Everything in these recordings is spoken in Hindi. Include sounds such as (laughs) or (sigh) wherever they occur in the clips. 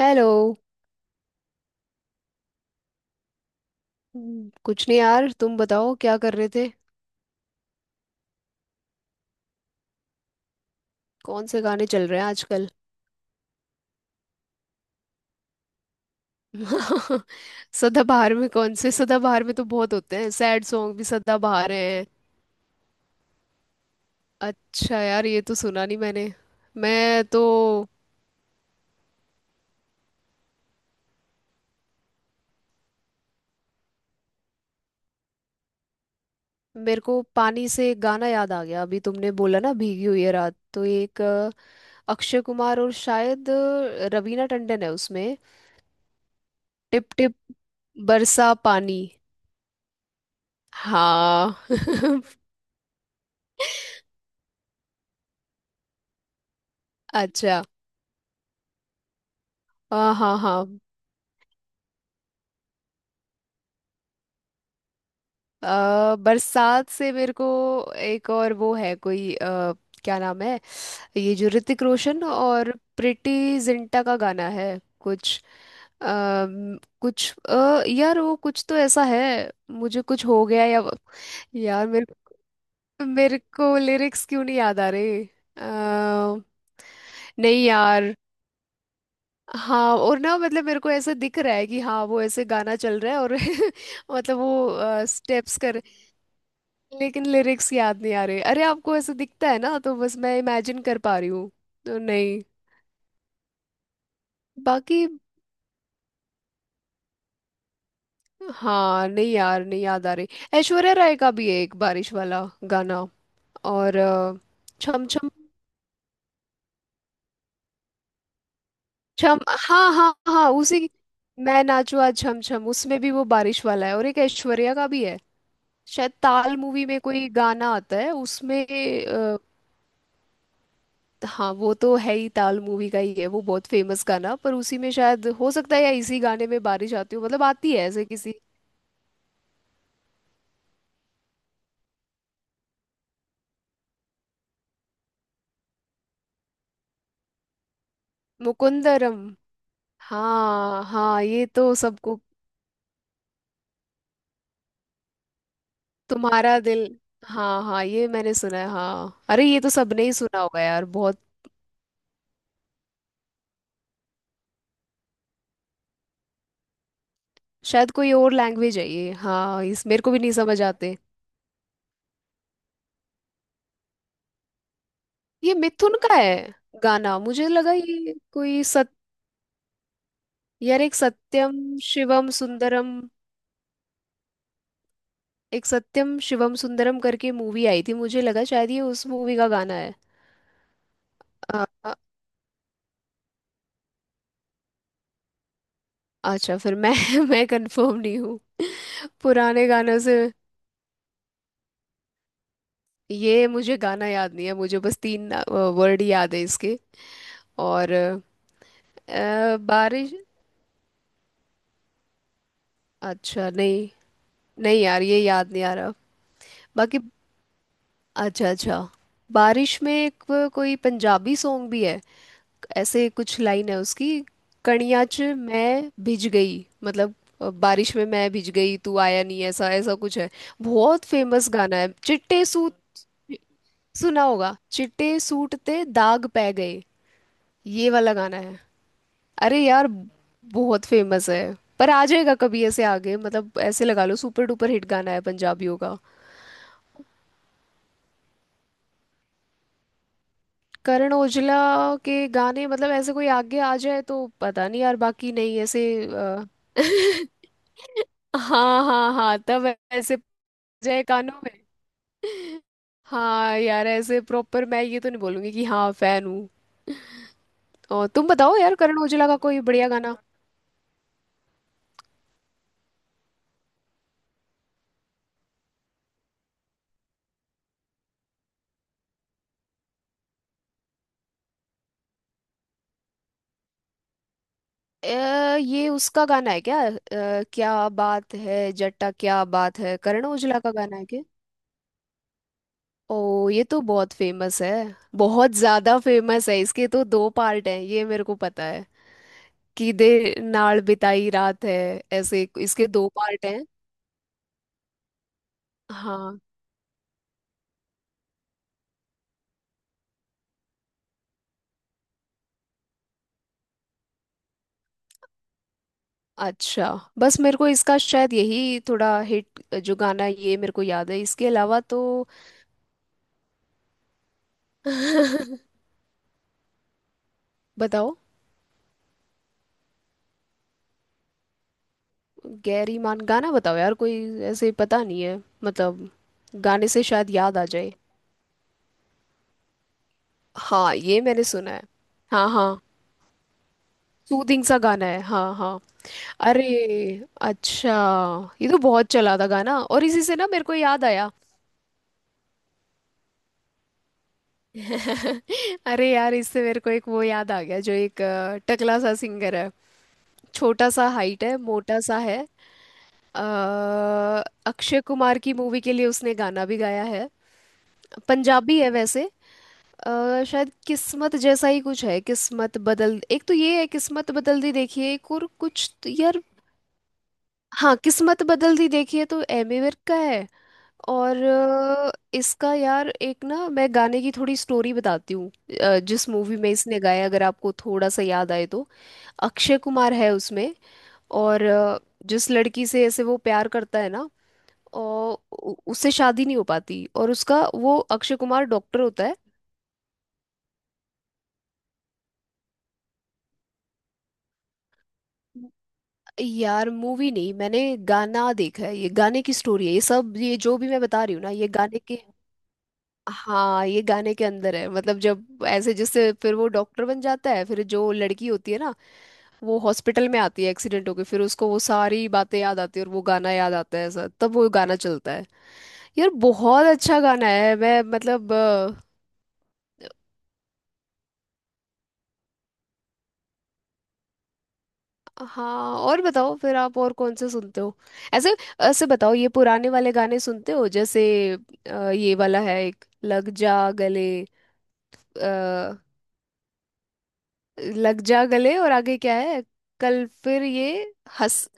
हेलो। कुछ नहीं यार, तुम बताओ क्या कर रहे थे। कौन से गाने चल रहे हैं आजकल? (laughs) सदाबहार में कौन से? सदाबहार में तो बहुत होते हैं, सैड सॉन्ग भी सदाबहार हैं। अच्छा यार, ये तो सुना नहीं मैंने। मैं तो... मेरे को पानी से एक गाना याद आ गया अभी, तुमने बोला ना भीगी हुई है रात, तो एक अक्षय कुमार और शायद रवीना टंडन है उसमें। टिप टिप बरसा पानी। हाँ। (laughs) अच्छा। हाँ हाँ हाँ। बरसात से मेरे को एक और वो है कोई क्या नाम है, ये जो ऋतिक रोशन और प्रीटी जिंटा का गाना है, कुछ कुछ यार वो कुछ तो ऐसा है, मुझे कुछ हो गया या... यार मेरे मेरे को लिरिक्स क्यों नहीं याद आ रहे? अ, नहीं यार। हाँ, और ना मतलब मेरे को ऐसा दिख रहा है कि हाँ, वो ऐसे गाना चल रहा है और (laughs) मतलब वो स्टेप्स कर... लेकिन लिरिक्स याद नहीं आ रहे। अरे, आपको ऐसा दिखता है ना, तो बस मैं इमेजिन कर पा रही हूँ तो। नहीं। बाकी... हाँ, नहीं यार, नहीं याद आ रही। ऐश्वर्या राय का भी है एक बारिश वाला गाना। और छम छम छम। हाँ हाँ हाँ, उसी। मैं नाचुआ छम छम, उसमें भी वो बारिश वाला है, और एक ऐश्वर्या का भी है, शायद ताल मूवी में कोई गाना आता है उसमें। हाँ, वो तो है ही, ताल मूवी का ही है वो, बहुत फेमस गाना। पर उसी में शायद हो सकता है या इसी गाने में बारिश आती हो, मतलब आती है ऐसे किसी... मुकुंदरम। हाँ हाँ, ये तो सबको... तुम्हारा दिल। हाँ हाँ, ये मैंने सुना है। हाँ, अरे ये तो सबने ही सुना होगा यार, बहुत... शायद कोई और लैंग्वेज है ये, हाँ इस... मेरे को भी नहीं समझ आते। ये मिथुन का है गाना, मुझे लगा ये कोई सत... यार एक सत्यम शिवम सुंदरम, एक सत्यम शिवम सुंदरम करके मूवी आई थी, मुझे लगा शायद ये उस मूवी का गाना है। अ, अ, अच्छा। फिर मैं (laughs) मैं कंफर्म नहीं हूँ, पुराने गानों से। ये मुझे गाना याद नहीं है, मुझे बस तीन वर्ड याद है इसके। और बारिश... अच्छा। नहीं नहीं यार, ये याद नहीं आ रहा। बाकी... अच्छा अच्छा। बारिश में एक कोई पंजाबी सॉन्ग भी है, ऐसे कुछ लाइन है उसकी, "कणिया च मैं भिज गई"। मतलब बारिश में मैं भिज गई, तू आया नहीं, ऐसा ऐसा कुछ है। बहुत फेमस गाना है, चिट्टे सूट। सुना होगा, "चिट्टे सूट ते दाग पै गए", ये वाला गाना है। अरे यार, बहुत फेमस है। पर आ जाएगा कभी ऐसे आगे, मतलब ऐसे लगा लो सुपर डुपर हिट गाना है पंजाबियों का। करण ओजला के गाने मतलब ऐसे कोई आगे आ जाए तो पता नहीं यार, बाकी नहीं ऐसे (laughs) हाँ हाँ हाँ, तब ऐसे पड़ जाए कानों में। हाँ यार, ऐसे प्रॉपर मैं ये तो नहीं बोलूंगी कि हाँ फैन हूँ। और तुम बताओ यार, करण औजला का कोई बढ़िया गाना? ये उसका गाना है क्या? क्या बात है जट्टा, क्या बात है, करण औजला का गाना है क्या? ओ, ये तो बहुत फेमस है, बहुत ज्यादा फेमस है। इसके तो दो पार्ट हैं, ये मेरे को पता है, कि "दे नाल बिताई रात है"। ऐसे इसके दो पार्ट हैं। हाँ। अच्छा। बस मेरे को इसका शायद यही थोड़ा हिट जो गाना है, ये मेरे को याद है, इसके अलावा तो... बताओ। गैरी मान, गाना बताओ यार कोई, ऐसे पता नहीं है, मतलब गाने से शायद याद आ जाए। हाँ ये मैंने सुना है। हाँ हाँ, सूदिंग सा गाना है। हाँ हाँ। अरे, अच्छा, ये तो बहुत चला था गाना, और इसी से ना मेरे को याद आया (laughs) अरे यार, इससे मेरे को एक वो याद आ गया, जो एक टकला सा सिंगर है, छोटा सा हाइट है, मोटा सा है। अक्षय कुमार की मूवी के लिए उसने गाना भी गाया है, पंजाबी है वैसे। शायद किस्मत जैसा ही कुछ है, किस्मत बदल... एक तो ये है "किस्मत बदल दी देखिए", एक और कुछ तो यार... हाँ, "किस्मत बदल दी देखिए" तो एमी विर्क का है। और इसका यार, एक ना मैं गाने की थोड़ी स्टोरी बताती हूँ। जिस मूवी में इसने गाया, अगर आपको थोड़ा सा याद आए तो, अक्षय कुमार है उसमें। और जिस लड़की से ऐसे वो प्यार करता है ना, और उससे शादी नहीं हो पाती, और उसका वो अक्षय कुमार डॉक्टर होता है। यार, मूवी नहीं मैंने गाना देखा है, ये गाने की स्टोरी है ये सब, ये जो भी मैं बता रही हूँ ना, ये गाने के... हाँ, ये गाने के अंदर है, मतलब जब ऐसे जिससे फिर वो डॉक्टर बन जाता है, फिर जो लड़की होती है ना, वो हॉस्पिटल में आती है एक्सीडेंट होके, फिर उसको वो सारी बातें याद आती है और वो गाना याद आता है, ऐसा तब वो गाना चलता है। यार बहुत अच्छा गाना है, मैं मतलब... हाँ, और बताओ फिर आप और कौन से सुनते हो, ऐसे ऐसे बताओ। ये पुराने वाले गाने सुनते हो जैसे ये वाला है, एक "लग जा गले"। अ, "लग जा गले" और आगे क्या है, कल फिर ये हंस...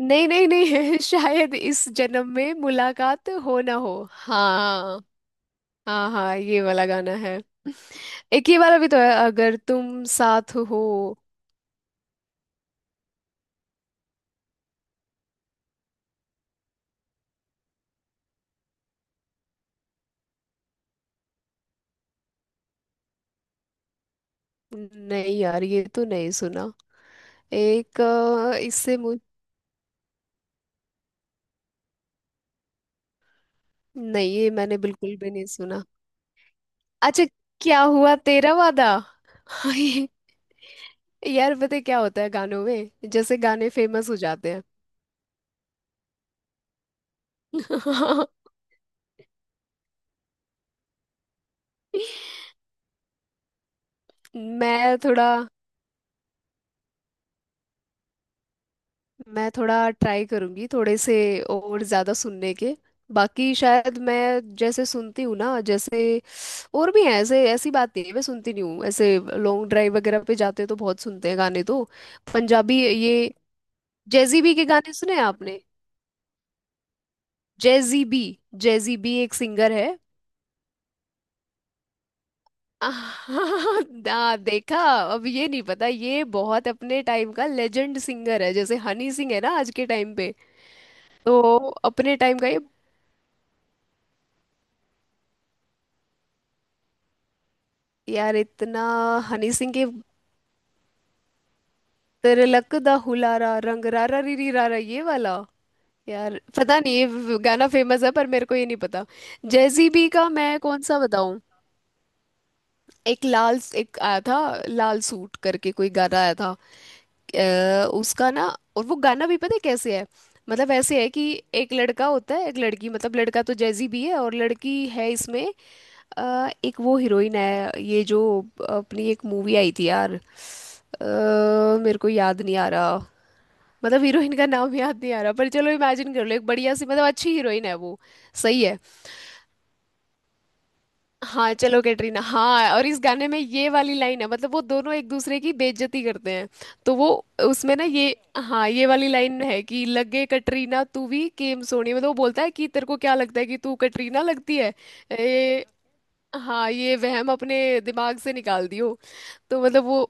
नहीं नहीं नहीं (laughs) शायद "इस जन्म में मुलाकात हो ना हो", हाँ हाँ हाँ ये वाला गाना है। एक ये वाला भी तो है "अगर तुम साथ हो"। नहीं यार, ये तो नहीं सुना। एक इससे... नहीं, ये मैंने बिल्कुल भी नहीं सुना। अच्छा, "क्या हुआ तेरा वादा"। (laughs) ये- यार पता है क्या होता है गानों में, जैसे गाने फेमस हो जाते हैं। (laughs) मैं थोड़ा मैं थोड़ा ट्राई करूंगी, थोड़े से और ज्यादा सुनने के। बाकी शायद मैं जैसे सुनती हूँ ना, जैसे और भी हैं ऐसे, ऐसी बात नहीं है मैं सुनती नहीं हूँ, ऐसे लॉन्ग ड्राइव वगैरह पे जाते हैं तो बहुत सुनते हैं गाने तो। पंजाबी ये, जैजी बी के गाने सुने हैं आपने? जेजी बी, जेजी बी एक सिंगर है। (laughs) हाँ, ना देखा, अब ये नहीं पता। ये बहुत अपने टाइम का लेजेंड सिंगर है, जैसे हनी सिंह है ना आज के टाइम पे। तो अपने टाइम का ये... यार इतना... हनी सिंह के... तिलक दा हुलारा रंग रारा रीरी रारा ये वाला? यार पता नहीं ये गाना फेमस है पर मेरे को ये नहीं पता। जेजी बी का मैं कौन सा बताऊं? एक लाल, एक आया था, लाल सूट करके कोई गाना आया था उसका ना। और वो गाना भी पता है कैसे है, मतलब ऐसे है कि एक लड़का होता है एक लड़की, मतलब लड़का तो जैजी भी है और लड़की है इसमें एक वो हीरोइन है, ये जो अपनी एक मूवी आई थी यार, मेरे को याद नहीं आ रहा, मतलब हीरोइन का नाम याद नहीं आ रहा, पर चलो इमेजिन कर लो, एक बढ़िया सी मतलब अच्छी हीरोइन है वो। सही है। हाँ चलो कैटरीना। हाँ, और इस गाने में ये वाली लाइन है, मतलब वो दोनों एक दूसरे की बेइज्जती करते हैं, तो वो उसमें ना, ये... हाँ ये वाली लाइन है कि "लगे कटरीना तू भी केम सोनी", मतलब वो बोलता है कि तेरे को क्या लगता है कि तू कटरीना लगती है? ए, हाँ ये वहम अपने दिमाग से निकाल दियो। तो मतलब वो...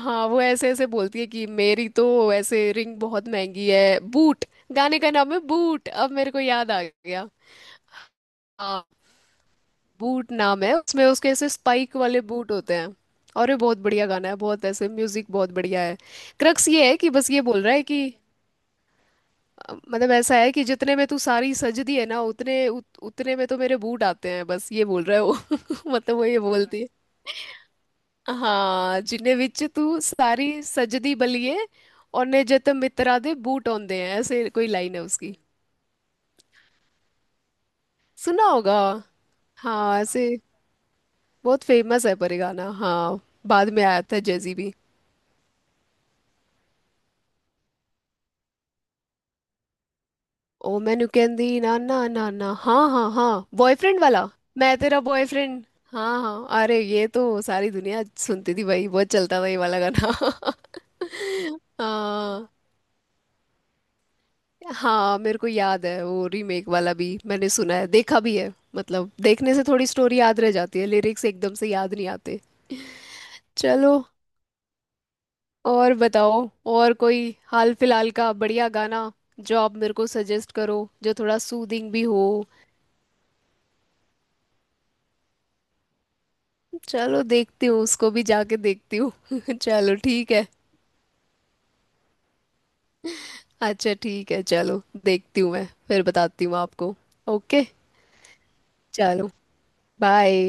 हाँ वो ऐसे ऐसे बोलती है कि मेरी तो ऐसे रिंग बहुत महंगी है, बूट... गाने का नाम है बूट, अब मेरे को याद आ गया। हाँ। बूट नाम है, उसमें उसके ऐसे स्पाइक वाले बूट होते हैं। और ये बहुत बढ़िया गाना है, बहुत ऐसे म्यूजिक बहुत बढ़िया है। क्रक्स ये है कि बस ये बोल रहा है कि मतलब ऐसा है कि जितने में तू सारी सजदी है ना, उतने उतने में तो मेरे बूट आते हैं, बस ये बोल रहा है वो। (laughs) मतलब वो ये बोलती है। हाँ, "जिने विच तू सारी सजदी बलिए और ने जत मित्रा दे बूट औंदे हैं", ऐसे कोई लाइन है उसकी। सुना होगा। हाँ ऐसे बहुत फेमस है पर ये गाना। हाँ बाद में आया था जेजी भी। "ओ मैं नुकेंदी ना ना ना ना", हाँ हाँ हाँ, बॉयफ्रेंड वाला, "मैं तेरा बॉयफ्रेंड"। हाँ हाँ, अरे ये तो सारी दुनिया सुनती थी भाई, बहुत चलता था ये वाला गाना। (laughs) हाँ हाँ मेरे को याद है, वो रीमेक वाला भी मैंने सुना है देखा भी है, मतलब देखने से थोड़ी स्टोरी याद रह जाती है, लिरिक्स एकदम से याद नहीं आते। चलो। और बताओ, और कोई हाल फिलहाल का बढ़िया गाना जो आप मेरे को सजेस्ट करो, जो थोड़ा सूदिंग भी हो। चलो देखती हूँ उसको भी, जाके देखती हूँ (laughs) चलो ठीक है। अच्छा ठीक है, चलो देखती हूँ, मैं फिर बताती हूँ आपको। ओके। चलो। बाय।